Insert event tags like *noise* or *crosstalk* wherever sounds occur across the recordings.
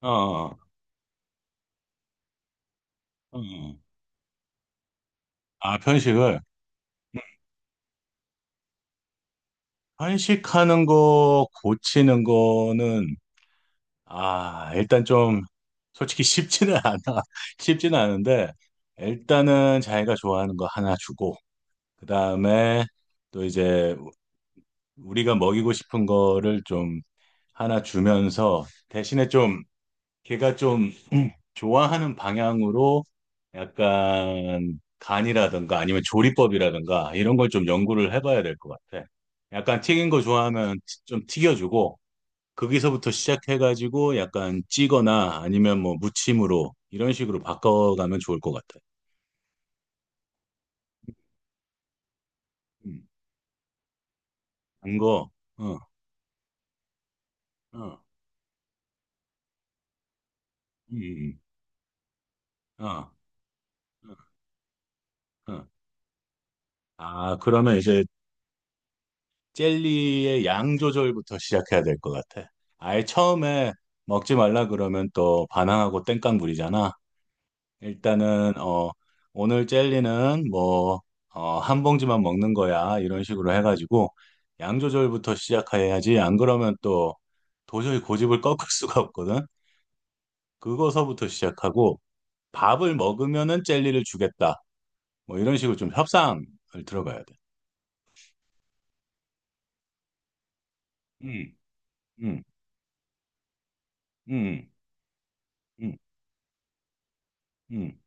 어, 어, 어. 아, 편식을. 편식하는 거 고치는 거는, 아, 일단 좀, 솔직히 쉽지는 *laughs* 않아. 쉽지는 않은데, 일단은 자기가 좋아하는 거 하나 주고, 그 다음에 또 이제 우리가 먹이고 싶은 거를 좀 하나 주면서, 대신에 좀, 걔가 좀 좋아하는 방향으로 약간 간이라든가 아니면 조리법이라든가 이런 걸 좀 연구를 해봐야 될 것 같아. 약간 튀긴 거 좋아하면 좀 튀겨주고 거기서부터 시작해가지고 약간 찌거나 아니면 뭐 무침으로 이런 식으로 바꿔가면 좋을 것 같아. 음, 단 거, 어, 어, 음, 어, 어. 어. 아, 그러면 이제 젤리의 양 조절부터 시작해야 될 것 같아. 아예 처음에 먹지 말라 그러면 또 반항하고 땡깡 부리잖아. 일단은 오늘 젤리는 뭐어한 봉지만 먹는 거야 이런 식으로 해가지고 양 조절부터 시작해야지. 안 그러면 또 도저히 고집을 꺾을 *laughs* 수가 없거든. 그거서부터 시작하고 밥을 먹으면은 젤리를 주겠다. 뭐 이런 식으로 좀 협상을 들어가야 돼. 음, 음, 음, 음, 음,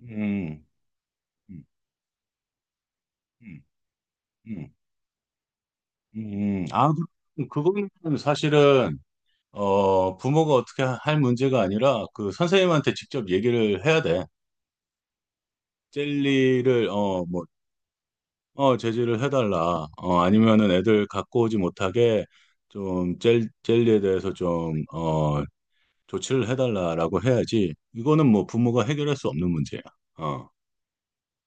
음. 음. 음, 음, 음. 아, 그거는 사실은, 부모가 어떻게 할 문제가 아니라 그 선생님한테 직접 얘기를 해야 돼. 젤리를, 뭐, 제지를 해달라. 아니면은 애들 갖고 오지 못하게 좀 젤리에 대해서 좀, 조치를 해달라라고 해야지. 이거는 뭐 부모가 해결할 수 없는 문제야. 어.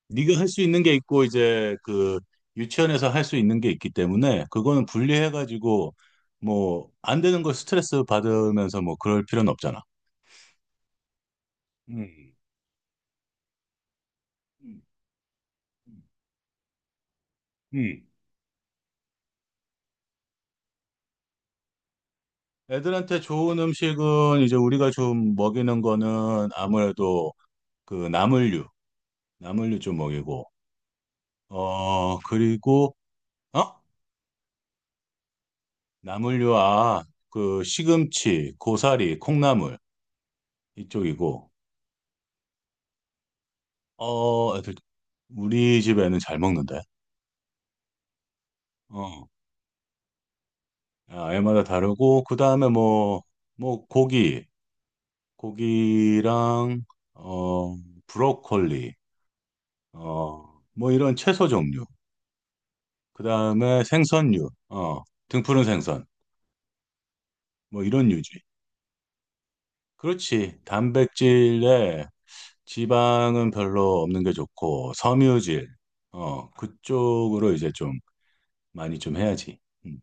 네가 할 수 있는 게 있고 이제 그 유치원에서 할 수 있는 게 있기 때문에 그거는 분리해가지고 뭐 안 되는 걸 스트레스 받으면서 뭐 그럴 필요는 없잖아. 음. 음. 음. 애들한테 좋은 음식은 이제 우리가 좀 먹이는 거는 아무래도 그 나물류, 나물류 좀 먹이고, 어, 그리고, 어? 나물류, 아, 그 시금치, 고사리, 콩나물 이쪽이고, 어, 애들, 우리 집에는 잘 먹는데. 어. 아, 애마다 다르고 그 다음에 뭐 고기랑 어 브로콜리 뭐 이런 채소 종류 그 다음에 생선류 등푸른 생선 뭐 이런 유지 그렇지 단백질에 지방은 별로 없는 게 좋고 섬유질 그쪽으로 이제 좀 많이 좀 해야지 음,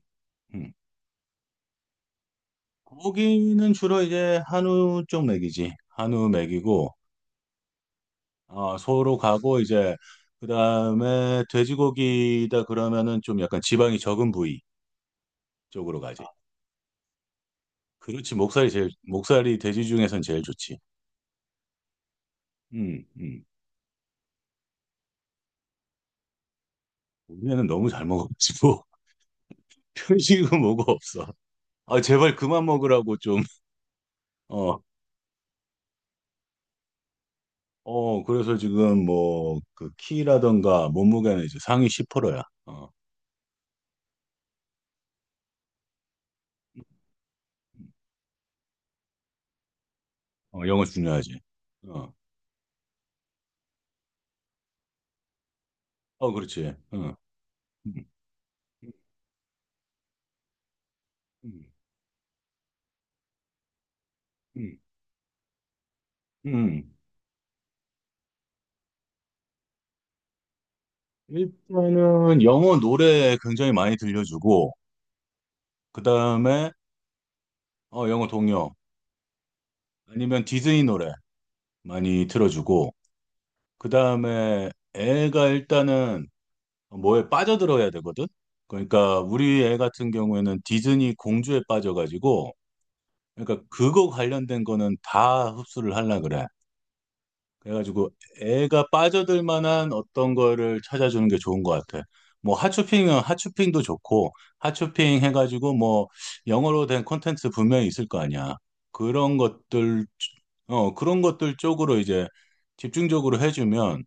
음. 고기는 주로 이제 한우 쪽 먹이지 한우 먹이고 아, 소로 가고 이제 그다음에 돼지고기다 그러면은 좀 약간 지방이 적은 부위 쪽으로 가지. 그렇지 목살이 제일 목살이 돼지 중에선 제일 좋지. 음, 음. 우리는 너무 잘 먹어가지고 *laughs* 편식은 뭐가 없어. 아, 제발 그만 먹으라고 좀. 어, 어. 그래서 지금 뭐 그 키라던가 몸무게는 이제 상위 10%야. 어, 어, 영어 중요하지. 어, 어, 그렇지. 어. 음, 음, 음, 음. 음. 일단은 영어 노래 굉장히 많이 들려주고, 그 다음에 영어 동요 아니면 디즈니 노래 많이 틀어주고, 그 다음에 애가 일단은 뭐에 빠져들어야 되거든? 그러니까 우리 애 같은 경우에는 디즈니 공주에 빠져가지고, 그러니까 그거 관련된 거는 다 흡수를 하려 그래. 그래가지고 애가 빠져들 만한 어떤 거를 찾아주는 게 좋은 것 같아. 뭐 핫쇼핑은 핫쇼핑도 좋고 핫쇼핑 해가지고 뭐 영어로 된 콘텐츠 분명히 있을 거 아니야. 그런 것들 그런 것들 쪽으로 이제 집중적으로 해주면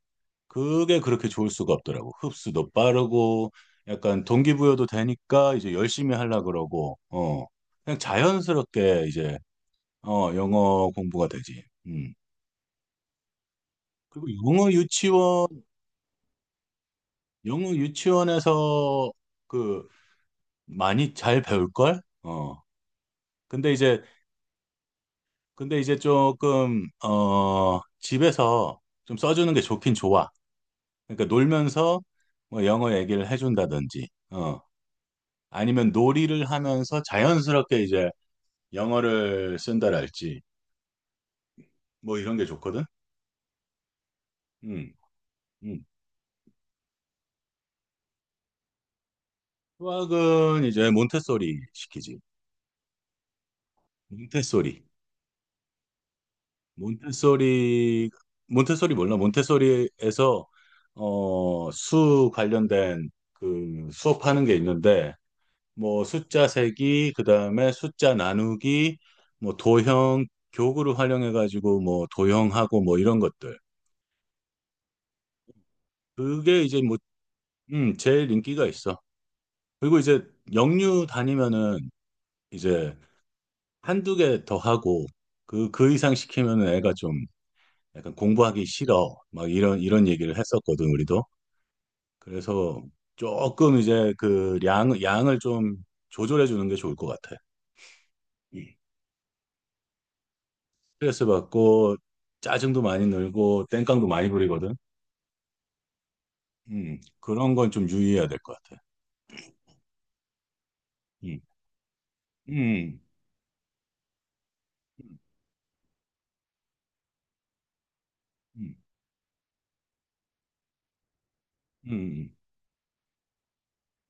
그게 그렇게 좋을 수가 없더라고. 흡수도 빠르고 약간 동기부여도 되니까 이제 열심히 하려 그러고 그냥 자연스럽게 이제 영어 공부가 되지. 음. 그리고 영어 유치원 영어 유치원에서 그 많이 잘 배울걸? 어. 근데 이제 근데 이제 조금 집에서 좀 써주는 게 좋긴 좋아. 그러니까 놀면서 뭐 영어 얘기를 해준다든지, 아니면 놀이를 하면서 자연스럽게 이제 영어를 쓴다랄지 뭐 이런 게 좋거든. 음, 음. 수학은 이제 몬테소리 시키지. 몬테소리. 몬테소리 몬테소리 몰라? 몬테소리에서 수 관련된 그 수업하는 게 있는데 뭐 숫자 세기 그다음에 숫자 나누기 뭐 도형 교구를 활용해 가지고 뭐 도형하고 뭐 이런 것들. 그게 이제 뭐 제일 인기가 있어. 그리고 이제 영유 다니면은 이제 한두 개 더 하고 그 이상 시키면은 애가 좀 약간 공부하기 싫어. 막 이런 얘기를 했었거든, 우리도. 그래서 조금 이제 그 양을 좀 조절해 주는 게 좋을 것 같아. 음. 스트레스 받고 짜증도 많이 늘고 땡깡도 많이 부리거든. 그런 건 좀 유의해야 될 것 같아. 음, 음, 음, 음,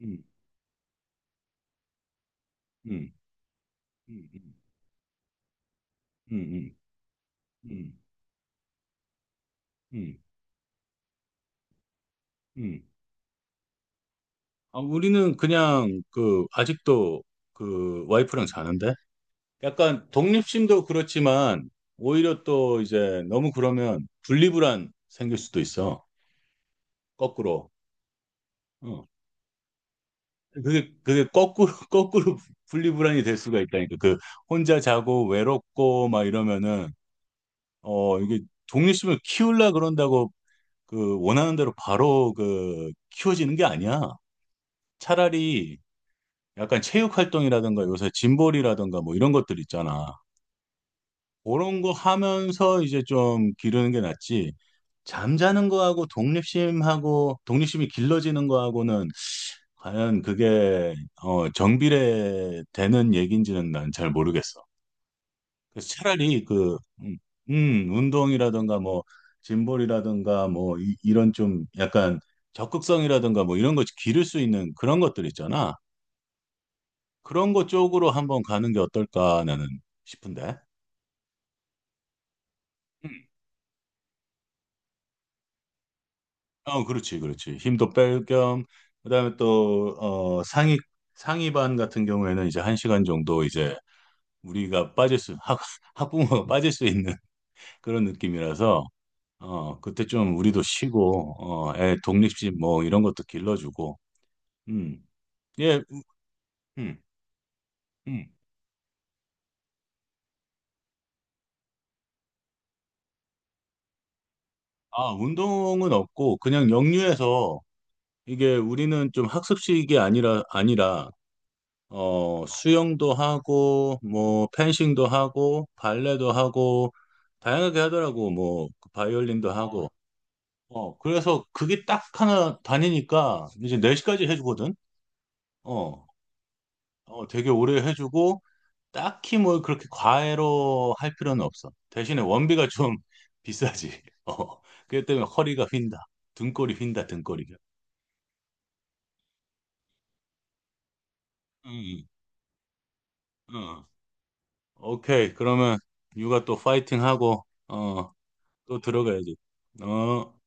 음, 음, 음, 음, 음, 음, 음, 음. 아, 우리는 그냥 그 아직도 그 와이프랑 자는데? 약간 독립심도 그렇지만 오히려 또 이제 너무 그러면 분리불안 생길 수도 있어. 거꾸로. 어. 그게 거꾸로 *laughs* 거꾸로 분리불안이 될 수가 있다니까. 그 혼자 자고 외롭고 막 이러면은 이게 독립심을 키우려 그런다고 그 원하는 대로 바로 그 키워지는 게 아니야. 차라리 약간 체육 활동이라든가 요새 짐볼이라든가 뭐 이런 것들 있잖아. 그런 거 하면서 이제 좀 기르는 게 낫지. 잠자는 거하고 독립심하고 독립심이 길러지는 거하고는 과연 그게 정비례되는 얘기인지는 난 잘 모르겠어. 그래서 차라리 그 음, 운동이라든가 뭐 짐볼이라든가 뭐 이런 좀 약간 적극성이라든가 뭐 이런 거 기를 수 있는 그런 것들 있잖아. 그런 것 쪽으로 한번 가는 게 어떨까 나는 싶은데. 어, 그렇지, 그렇지. 힘도 뺄 겸, 그다음에 또, 상위반 같은 경우에는 이제 한 시간 정도 이제 우리가 빠질 수, 학부모가 *laughs* 빠질 수 있는 *laughs* 그런 느낌이라서, 어, 그때 좀 우리도 쉬고, 어, 애 독립심 뭐 이런 것도 길러주고, 음, 예, 음, 음. 아, 운동은 없고, 그냥 역류해서 이게 우리는 좀 학습식이 아니라, 아니라, 수영도 하고, 뭐, 펜싱도 하고, 발레도 하고, 다양하게 하더라고, 뭐, 그 바이올린도 하고. 어, 그래서 그게 딱 하나 다니니까 이제 4시까지 해주거든? 어, 어, 되게 오래 해주고, 딱히 뭐 그렇게 과외로 할 필요는 없어. 대신에 원비가 좀 *laughs* 비싸지. 어, 그렇기 때문에 허리가 휜다. 등골이 휜다, 등골이가. 응, 응. 오케이. 그러면 육아 또 파이팅 하고, 어, 또 들어가야지. 어.